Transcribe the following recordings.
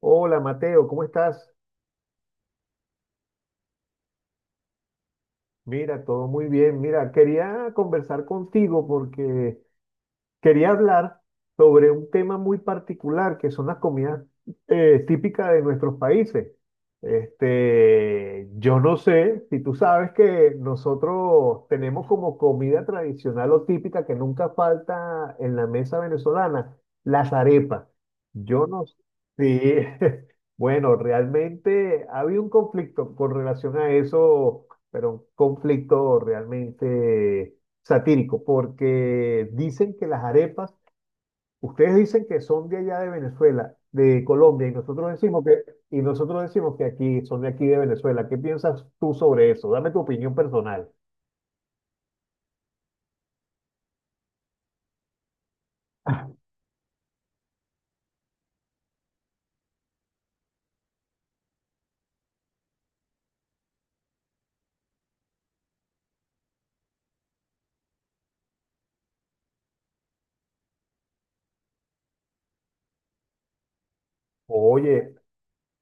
Hola Mateo, ¿cómo estás? Mira, todo muy bien. Mira, quería conversar contigo porque quería hablar sobre un tema muy particular que son las comidas típicas de nuestros países. Este, yo no sé si tú sabes que nosotros tenemos como comida tradicional o típica que nunca falta en la mesa venezolana, las arepas. Yo no sé. Sí, bueno, realmente había un conflicto con relación a eso, pero un conflicto realmente satírico, porque dicen que las arepas, ustedes dicen que son de allá de Venezuela, de Colombia, y nosotros decimos que, y nosotros decimos que aquí son de aquí de Venezuela. ¿Qué piensas tú sobre eso? Dame tu opinión personal. Oye,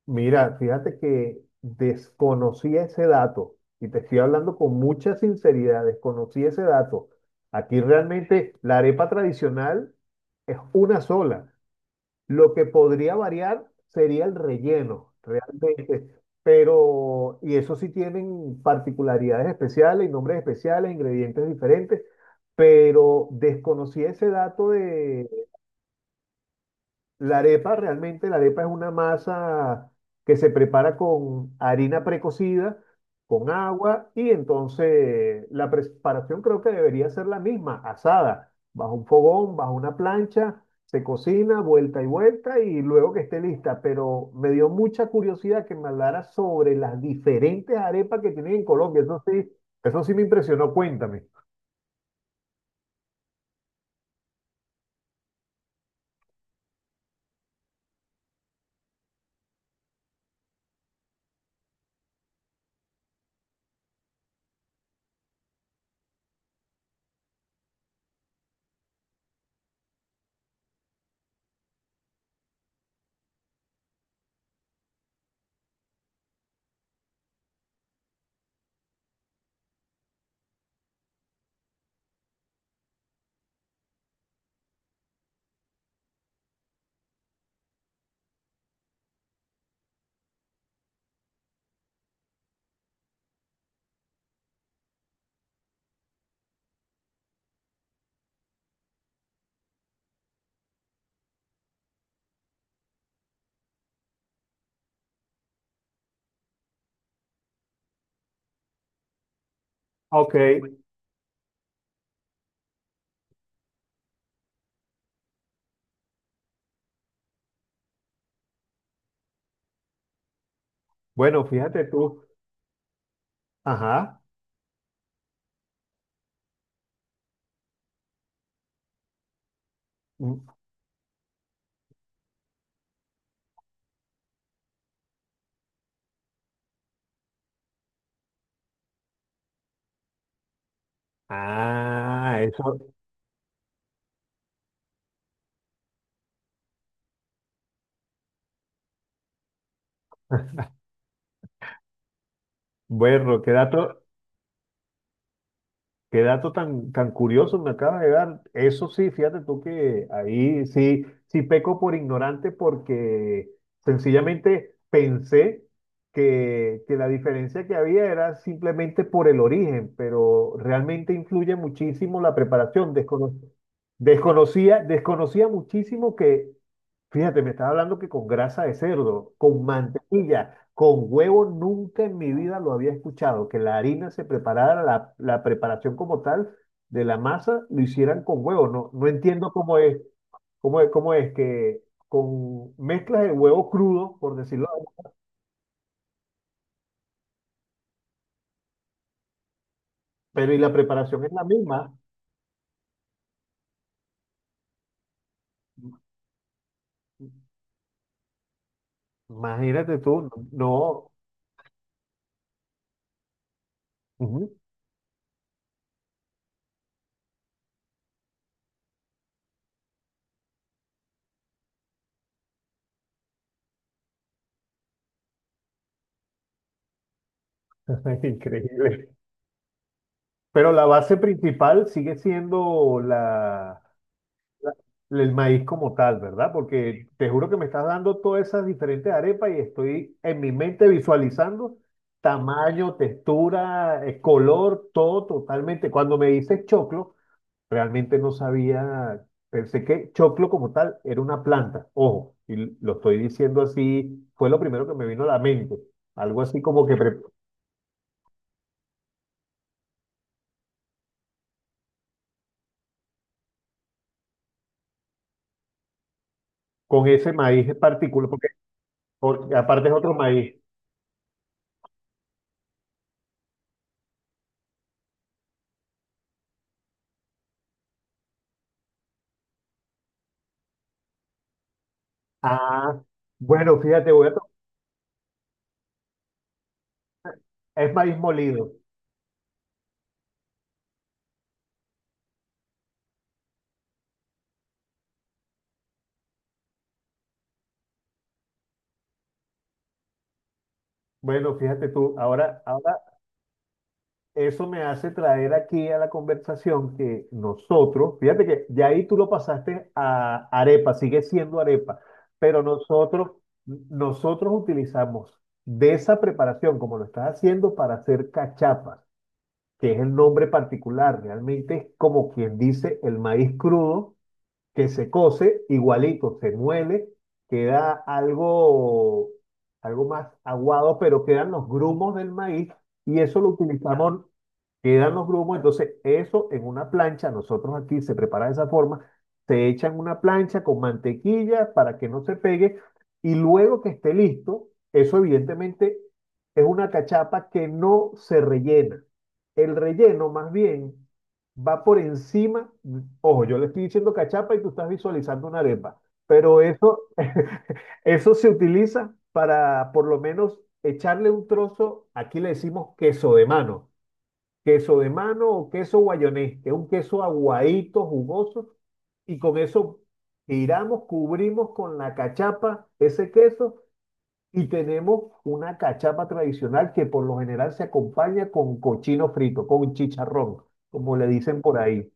mira, fíjate que desconocía ese dato, y te estoy hablando con mucha sinceridad, desconocí ese dato. Aquí realmente la arepa tradicional es una sola. Lo que podría variar sería el relleno, realmente. Pero, y eso sí tienen particularidades especiales y nombres especiales, ingredientes diferentes, pero desconocí ese dato de. La arepa, realmente la arepa es una masa que se prepara con harina precocida, con agua y entonces la preparación creo que debería ser la misma, asada, bajo un fogón, bajo una plancha, se cocina vuelta y vuelta y luego que esté lista. Pero me dio mucha curiosidad que me hablara sobre las diferentes arepas que tienen en Colombia. Eso sí me impresionó. Cuéntame. Ok, bueno, fíjate tú. Ajá. Mm. Ah, eso. Bueno, qué dato tan, tan curioso me acaba de dar. Eso sí, fíjate tú que ahí sí, sí peco por ignorante porque sencillamente pensé que la diferencia que había era simplemente por el origen, pero realmente influye muchísimo la preparación. Desconocía muchísimo que, fíjate, me estaba hablando que con grasa de cerdo, con mantequilla. Con huevo nunca en mi vida lo había escuchado, que la harina se preparara, la preparación como tal de la masa, lo hicieran con huevo. No, no entiendo cómo es que con mezclas de huevo crudo, por decirlo, pero y la preparación es la misma. Imagínate tú, no. Ujú. Increíble. Pero la base principal sigue siendo la, el maíz como tal, ¿verdad? Porque te juro que me estás dando todas esas diferentes arepas y estoy en mi mente visualizando tamaño, textura, color, todo totalmente. Cuando me dices choclo, realmente no sabía, pensé que choclo como tal era una planta, ojo, y lo estoy diciendo así, fue lo primero que me vino a la mente, algo así como que pre- con ese maíz en particular, porque, porque aparte es otro maíz. Ah, bueno, fíjate, voy a to- es maíz molido. Bueno, fíjate tú, ahora eso me hace traer aquí a la conversación que nosotros, fíjate que ya ahí tú lo pasaste a arepa, sigue siendo arepa, pero nosotros utilizamos de esa preparación, como lo estás haciendo, para hacer cachapas, que es el nombre particular, realmente es como quien dice el maíz crudo que se cose, igualito, se muele, queda algo, algo más aguado, pero quedan los grumos del maíz y eso lo utilizamos, quedan los grumos, entonces eso en una plancha, nosotros aquí se prepara de esa forma, se echa en una plancha con mantequilla para que no se pegue y luego que esté listo, eso evidentemente es una cachapa que no se rellena. El relleno más bien va por encima, ojo, yo le estoy diciendo cachapa y tú estás visualizando una arepa, pero eso, eso se utiliza para por lo menos echarle un trozo, aquí le decimos queso de mano o queso guayonés, que es un queso aguadito, jugoso, y con eso giramos, cubrimos con la cachapa ese queso. Y tenemos una cachapa tradicional que por lo general se acompaña con cochino frito, con chicharrón, como le dicen por ahí.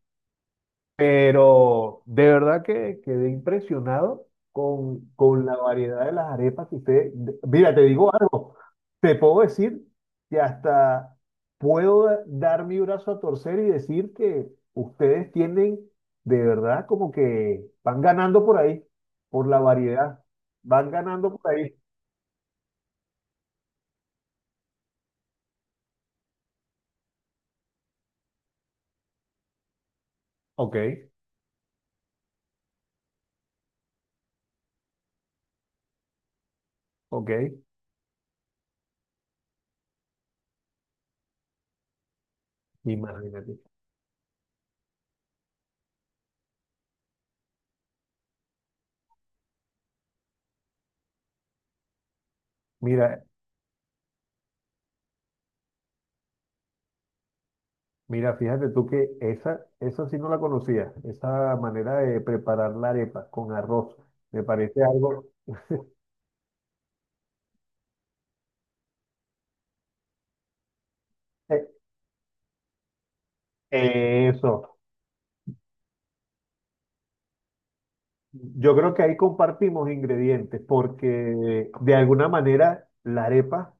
Pero de verdad que quedé impresionado con la variedad de las arepas que usted... de- Mira, te digo algo, te puedo decir que hasta puedo da- dar mi brazo a torcer y decir que ustedes tienen de verdad como que van ganando por ahí, por la variedad, van ganando por ahí. Ok, ok, imagínate. Mira, Mira, fíjate tú que esa sí no la conocía, esa manera de preparar la arepa con arroz. Me parece algo... eso. Yo creo que ahí compartimos ingredientes porque de alguna manera la arepa,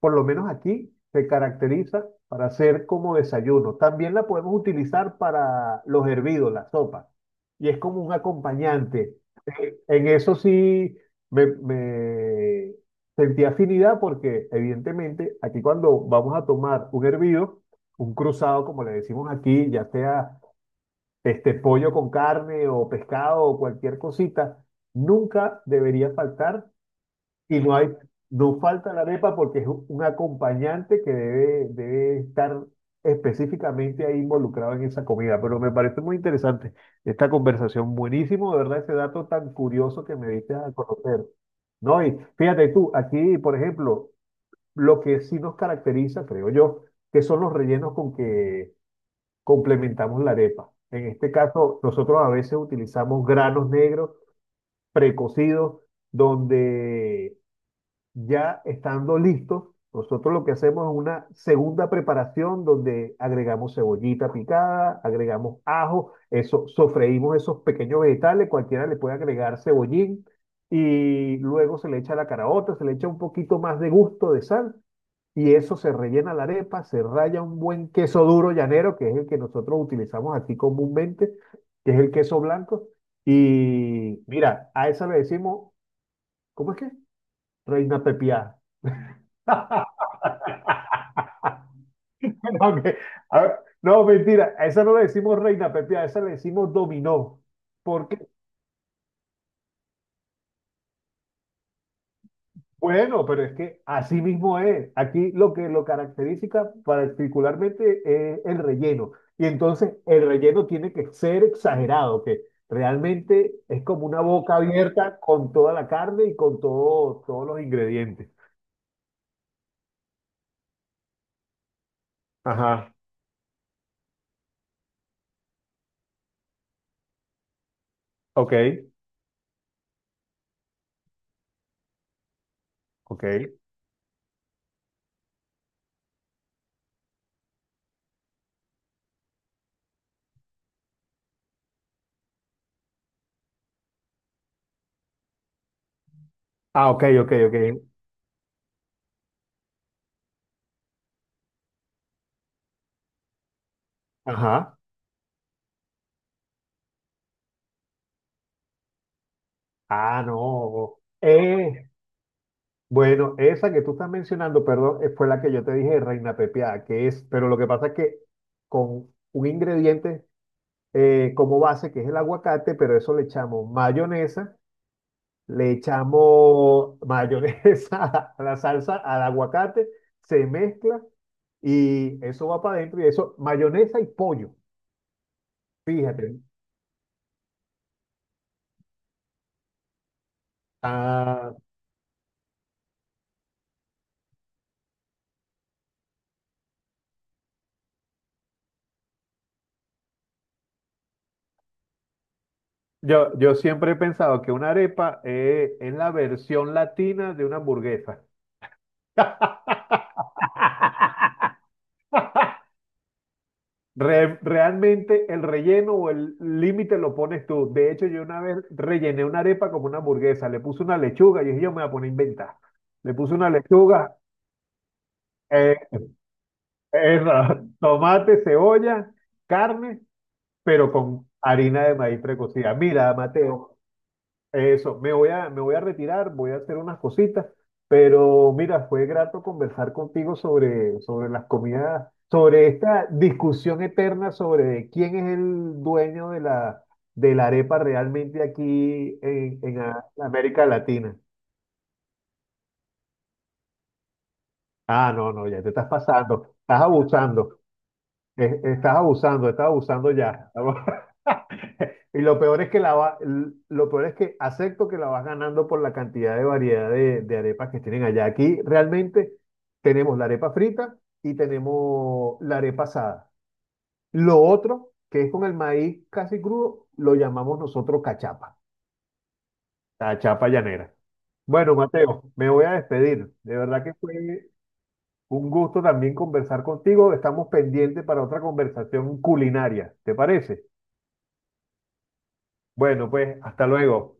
por lo menos aquí, se caracteriza para ser como desayuno. También la podemos utilizar para los hervidos, la sopa, y es como un acompañante. En eso sí me sentí afinidad porque evidentemente aquí cuando vamos a tomar un hervido, un cruzado, como le decimos aquí, ya sea este pollo con carne o pescado o cualquier cosita, nunca debería faltar y no hay, no falta la arepa porque es un acompañante que debe estar específicamente ahí involucrado en esa comida. Pero me parece muy interesante esta conversación, buenísimo, de verdad, ese dato tan curioso que me diste a conocer. No, y fíjate tú, aquí, por ejemplo, lo que sí nos caracteriza, creo yo, que son los rellenos con que complementamos la arepa. En este caso, nosotros a veces utilizamos granos negros precocidos, donde ya estando listos, nosotros lo que hacemos es una segunda preparación donde agregamos cebollita picada, agregamos ajo, eso, sofreímos esos pequeños vegetales, cualquiera le puede agregar cebollín y luego se le echa la caraota, se le echa un poquito más de gusto de sal y eso se rellena la arepa, se raya un buen queso duro llanero, que es el que nosotros utilizamos aquí comúnmente, que es el queso blanco. Y mira, a esa le decimos, ¿cómo es que? Reina Pepiada. No, que- a ver, no, mentira, a esa no le decimos reina pepiada, a esa le decimos dominó. ¿Por qué? Bueno, pero es que así mismo es. Aquí lo que lo caracteriza particularmente es el relleno. Y entonces el relleno tiene que ser exagerado, que realmente es como una boca abierta con toda la carne y con todo, todos los ingredientes. Ajá, ok, ok. Ah, ok, ok, ok. Ajá. Ah, no. Bueno, esa que tú estás mencionando, perdón, fue la que yo te dije, reina pepiada, que es, pero lo que pasa es que con un ingrediente como base, que es el aguacate, pero eso le echamos mayonesa a la salsa, al aguacate, se mezcla y eso va para adentro y eso, mayonesa y pollo, fíjate. Ah, yo siempre he pensado que una arepa es la versión latina de una hamburguesa. Re- realmente el relleno o el límite lo pones tú. De hecho, yo una vez rellené una arepa como una hamburguesa, le puse una lechuga y dije, yo me voy a poner a inventar. Le puse una lechuga, eh, esa, tomate, cebolla, carne, pero con harina de maíz precocida. Mira, Mateo, eso, me voy a retirar, voy a hacer unas cositas, pero mira, fue grato conversar contigo sobre, sobre las comidas, sobre esta discusión eterna sobre quién es el dueño de la arepa realmente aquí en a- América Latina. Ah, no, no, ya te estás pasando, estás abusando. Estás abusando, estás abusando ya. Y lo peor es que la va- lo peor es que acepto que la vas ganando por la cantidad de variedad de arepas que tienen allá. Aquí realmente tenemos la arepa frita y tenemos la arepa asada. Lo otro, que es con el maíz casi crudo, lo llamamos nosotros cachapa, la chapa llanera. Bueno, Mateo, me voy a despedir. De verdad que fue un gusto también conversar contigo. Estamos pendientes para otra conversación culinaria. ¿Te parece? Bueno, pues hasta luego.